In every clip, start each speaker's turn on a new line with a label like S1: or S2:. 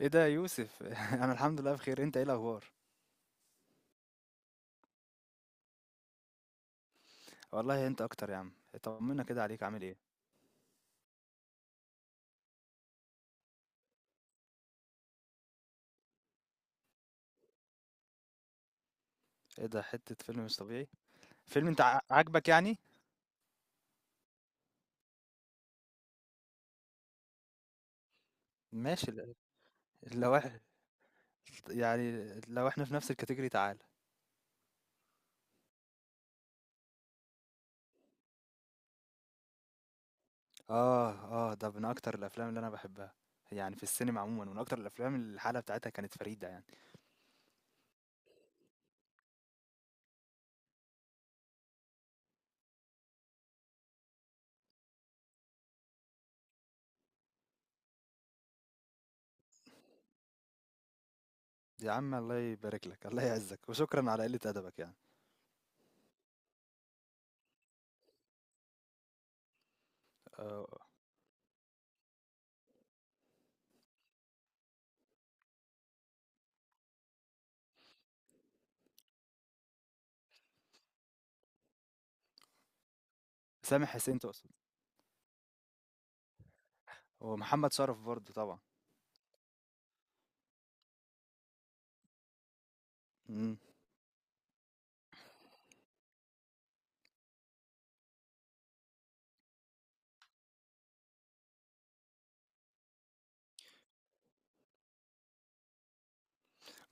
S1: ايه ده يا يوسف انا الحمد لله بخير، انت ايه الاخبار؟ والله انت اكتر يا عم. طمنا كده، عليك عامل ايه؟ ايه ده، حتة فيلم مش طبيعي؟ فيلم انت عاجبك يعني؟ ماشي لو احنا، يعني لو احنا في نفس الكاتيجوري تعال. اه اه، ده من اكتر الافلام اللي انا بحبها، يعني في السينما عموما من اكتر الافلام اللي الحالة بتاعتها كانت فريدة يعني. يا عم الله يبارك لك، الله يعزك، وشكرا على قلة ادبك يعني. آه، سامح حسين تقصد؟ ومحمد شرف برضه طبعا.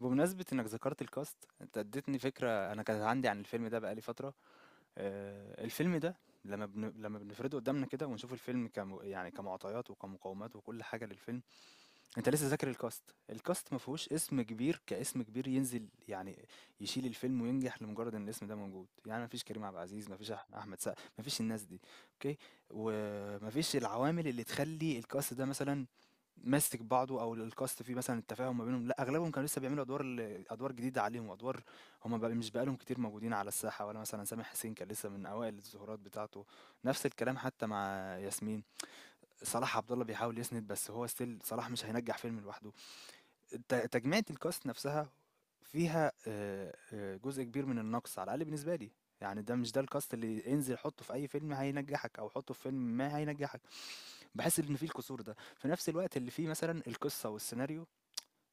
S1: بمناسبة انك ذكرت الكاست، انت اديتني فكرة انا كانت عندي عن الفيلم ده بقالي فترة. آه، الفيلم ده لما بنفرده قدامنا كده ونشوف الفيلم يعني كمعطيات وكمقومات وكل حاجة للفيلم، انت لسه ذاكر الكاست. الكاست ما فيهوش اسم كبير كاسم كبير ينزل يعني يشيل الفيلم وينجح لمجرد ان الاسم ده موجود، يعني ما فيش كريم عبد العزيز، ما فيش احمد سقا، ما فيش الناس دي. اوكي، وما فيش العوامل اللي تخلي الكاست ده مثلا ماسك بعضه، او الكاست فيه مثلا التفاهم ما بينهم، لا اغلبهم كانوا لسه بيعملوا ادوار ادوار جديده عليهم، وادوار هم بقى مش بقالهم كتير موجودين على الساحه، ولا مثلا سامح حسين كان لسه من اوائل الظهورات بتاعته، نفس الكلام حتى مع ياسمين. صلاح عبد الله بيحاول يسند، بس هو ستيل صلاح مش هينجح فيلم لوحده. تجميعة الكاست نفسها فيها جزء كبير من النقص، على الأقل بالنسبة لي. يعني ده مش الكاست اللي انزل حطه في اي فيلم هينجحك، او حطه في فيلم ما هينجحك. بحس ان فيه الكسور ده في نفس الوقت اللي فيه مثلا القصة والسيناريو.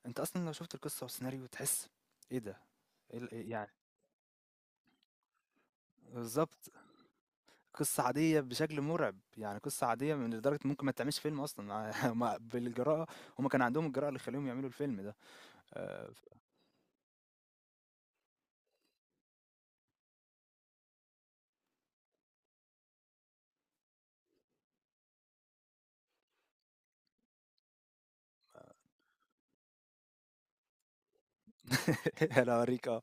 S1: انت اصلا لو شفت القصة والسيناريو تحس ايه ده. إيه ال- إيه يعني بالظبط، قصة عادية بشكل مرعب، يعني قصة عادية لدرجة ممكن ما تعملش فيلم أصلا. بالجراءة، هما كان عندهم الجراءة اللي يخليهم يعملوا الفيلم ده. آآ أنا هاورّيك آه.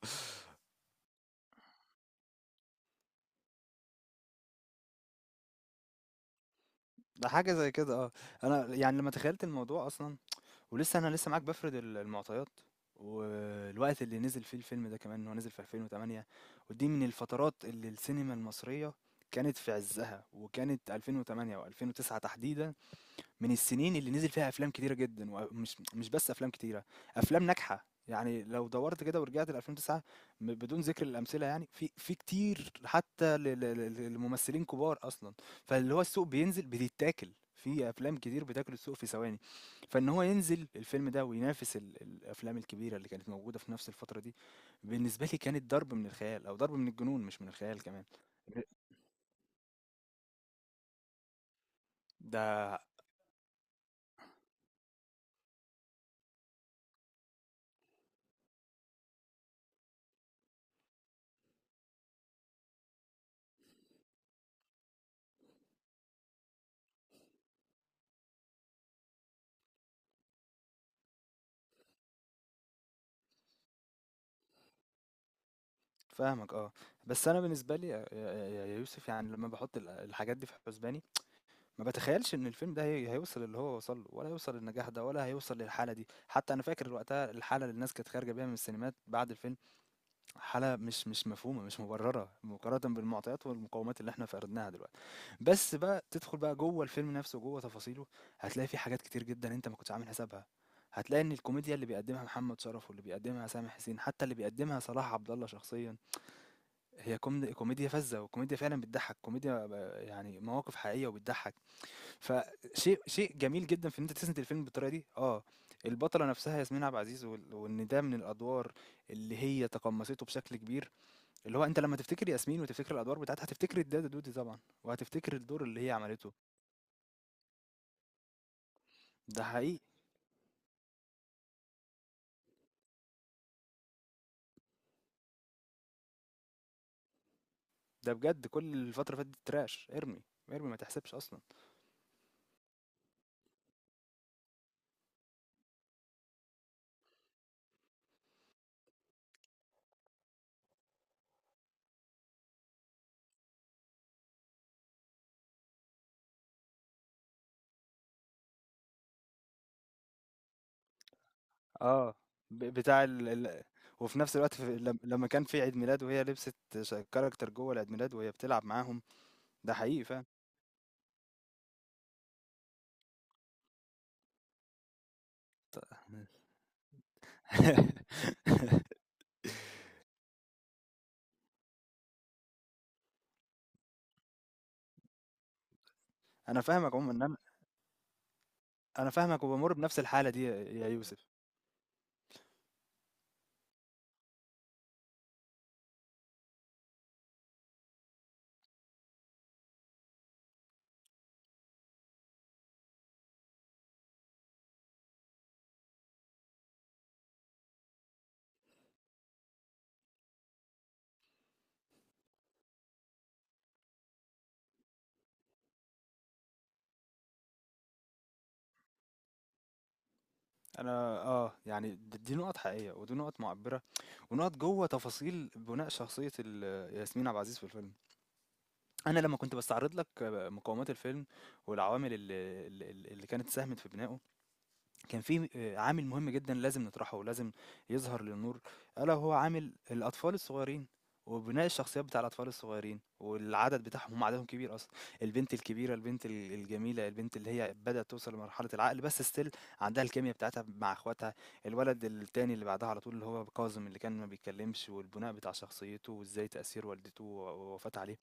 S1: ده حاجة زي كده آه. أنا يعني لمّا تخيّلت الموضوع أصلًا، ولسه أنا معاك بافرد المعطيات، والوقت اللي نزل فيه الفيلم ده كمان، هو نزل في 2008، ودي من الفترات اللي السينما المصرية كانت في عزّها، وكانت 2008 و2009 تحديدًا من السنين اللي نزل فيها افلام كتيره جدا، ومش مش بس افلام كتيره، افلام ناجحه. يعني لو دورت كده ورجعت ل 2009، بدون ذكر الامثله، يعني في كتير حتى لممثلين كبار اصلا. فاللي هو السوق بينزل، بيتاكل في افلام كتير بتاكل السوق في ثواني، فان هو ينزل الفيلم ده وينافس الافلام الكبيره اللي كانت موجوده في نفس الفتره دي، بالنسبه لي كانت ضرب من الخيال، او ضرب من الجنون مش من الخيال كمان. ده فاهمك آه. بس أنا بالنسبة لي يا يوسف، يعني لمّا باحط الحاجات دي في حُسباني، ما باتخيّلش إن الفيلم ده هيوصل للي هو وصل له، ولا هيوصل للنجاح ده، ولا هيوصل للحالة دي. حتّى أنا فاكر وقتها الحالة اللي الناس كانت خارجة بيها من السينمات بعد الفيلم، حالة مش مفهومة، مش مُبرّرة مقارنة بالمعطيات والمقومات اللي إحنا فقدناها دلوقتي. بس بقى تدخُل بقى جوّه الفيلم نفسه وجوّه تفاصيله، هتلاقي في حاجات كتير جدًا أنت ما كنتش عامل حسابها. هتلاقي إن الكوميديا اللي بيقدّمها محمد شرف واللي بيقدّمها سامح حسين، حتّى اللي بيقدّمها صلاح عبد الله شخصيًا، هي كوميديا فذة، وكوميديا فعلًا بتضحّك، كوميديا يعني مواقف حقيقية وبتضحّك، فشيء جميل جدًا في إن أنت تسند الفيلم بالطريقة دي، آه. البطلة نفسها ياسمين عبد العزيز، وال وإن ده من الأدوار اللي هي تقمّصته بشكل كبير، اللي هو أنت لمّا تفتكر ياسمين وتفتكر الأدوار بتاعتها هتفتكر الدادة دودي طبعًا، وهتفتكر الدور اللي هي عملته، ده حقيقي. ده بجد كل الفترة اللي فاتت trash، ارمي، ارمي ما تحسبش أصلًا. اه، بتاع وفي نفس الوقت في... لم- لما كان في عيد ميلاد وهي لبست كاركتر جوه العيد ميلاد وهي بتلعب معاهم، ده حقيقي فعلا. انا فاهمك عموما، ان انا أنا فاهمك وبمر بنفس الحاله دي يا يوسف. انا اه يعني دي نقط حقيقيه ودي نقط معبره، ونقط جوه تفاصيل بناء شخصيه ياسمين عبد العزيز في الفيلم. انا لما كنت بستعرض لك مقومات الفيلم والعوامل اللي كانت ساهمت في بنائه، كان في عامل مهم جدًا لازم نطرحه ولازم يظهر للنور، ألا وهو عامل الأطفال الصغيّرين، وبناء الشخصيات بتاع الأطفال الصغيّرين، والعدد بتاعهم، هم عددهم كبير أصلًا، البنت الكبيرة، البنت الجميلة، البنت اللي هي بدأت توصل لمرحلة العقل بس still عندها الكيميا بتاعتها مع أخواتها، الولد التاني اللي بعدها على طول اللي هو كاظم اللي كان ما بيتكلمش، والبناء بتاع شخصيته وإزاي تأثير والدته و ووفاة عليه،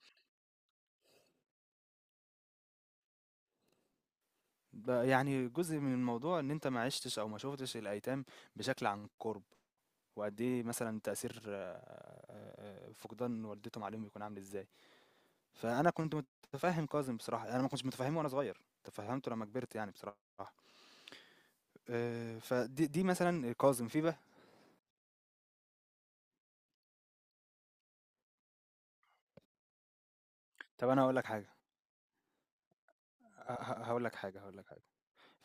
S1: يعني جزء من الموضوع إن أنت ما عِشتش أو ما شُفتش الأيتام بشكل عن قُرب. وقد إيه مثلًا تأثير فقدان والدتهم عليهم بيكون عامل إزاي. فأنا كنت متفهّم كاظم بصراحة، أنا ما كنتش متفهّمه وأنا صغير، تفهّمته لمّا كبرت يعني بصراحة. فدي مثلًا كاظم، في بقى، طَب أنا هاقول لك حاجة، ه ه هاقول لك حاجة،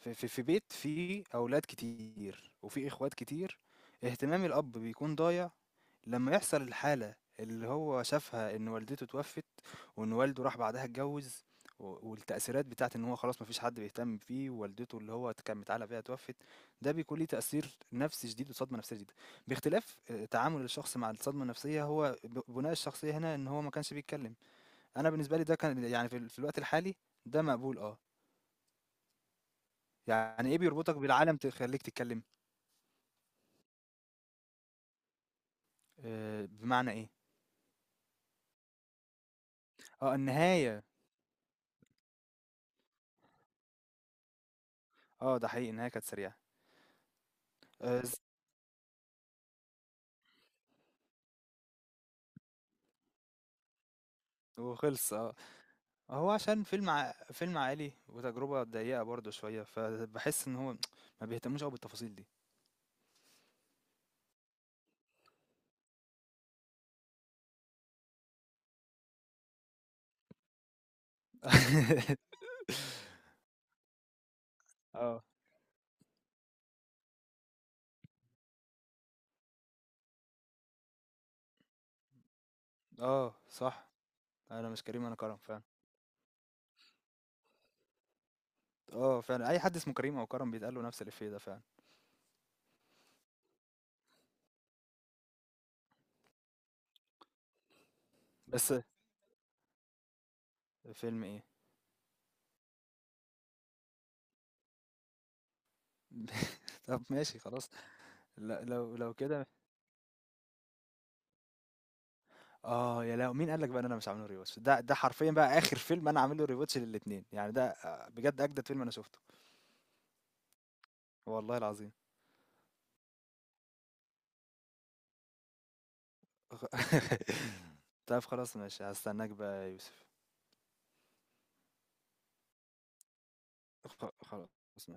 S1: في بيت فيه أولاد كتير وفيه إخوات كتير، اهتمام الأب بيكون ضايع لمّا يحصل الحالة اللي هو شافها، إن والدته اتوفت، وإن والده راح بعدها اتجوّز، والتأثيرات بتاعة إن هو خلاص ما فيش حد بيهتم بيه، ووالدته اللي هو كان متعلق بيها اتوفت، ده بيكون ليه تأثير نفسي شديد وصدمة نفسية شديدة، باختلاف تعامل الشخص مع الصدمة النفسية. هو بُناء الشخصية هنا إن هو ما كانش بيتكلم، أنا بالنسبة لي ده كان يعني في الوقت الحالي ده مقبول آه. يعني إيه بيربطك بالعالم تخلّيك تتكلم؟ بمعنى إيه؟ آه النهاية، آه ده حقيقي، النهاية كانت سريعة. س وخلص آه. هو عشان فيلم عائلي وتجربة ضيقة برضه شوية، فبحس إن هو ما بيهتموش أوي بالتفاصيل دي. آه، آه، صح، أنا مش كريم، أنا كرم فعلًا. آه فعلًا، أي حد اسمه كريم أو كرم بيتقال له نفس الإفيه ده فعلًا. بس فيلم إيه؟ طب ماشي خلاص. لو لو كده، آه يا لهوي، مين قال لك بقى إن أنا مش عامل له rewatch؟ ده حرفيًا بقى آخر فيلم أنا عامل له rewatch للاتنين يعني، ده آه، بجد أجدد فيلم أنا شُفته، والله العظيم. طب خلاص ماشي، هاستناك بقى يا يوسف. خلاص، ماشي.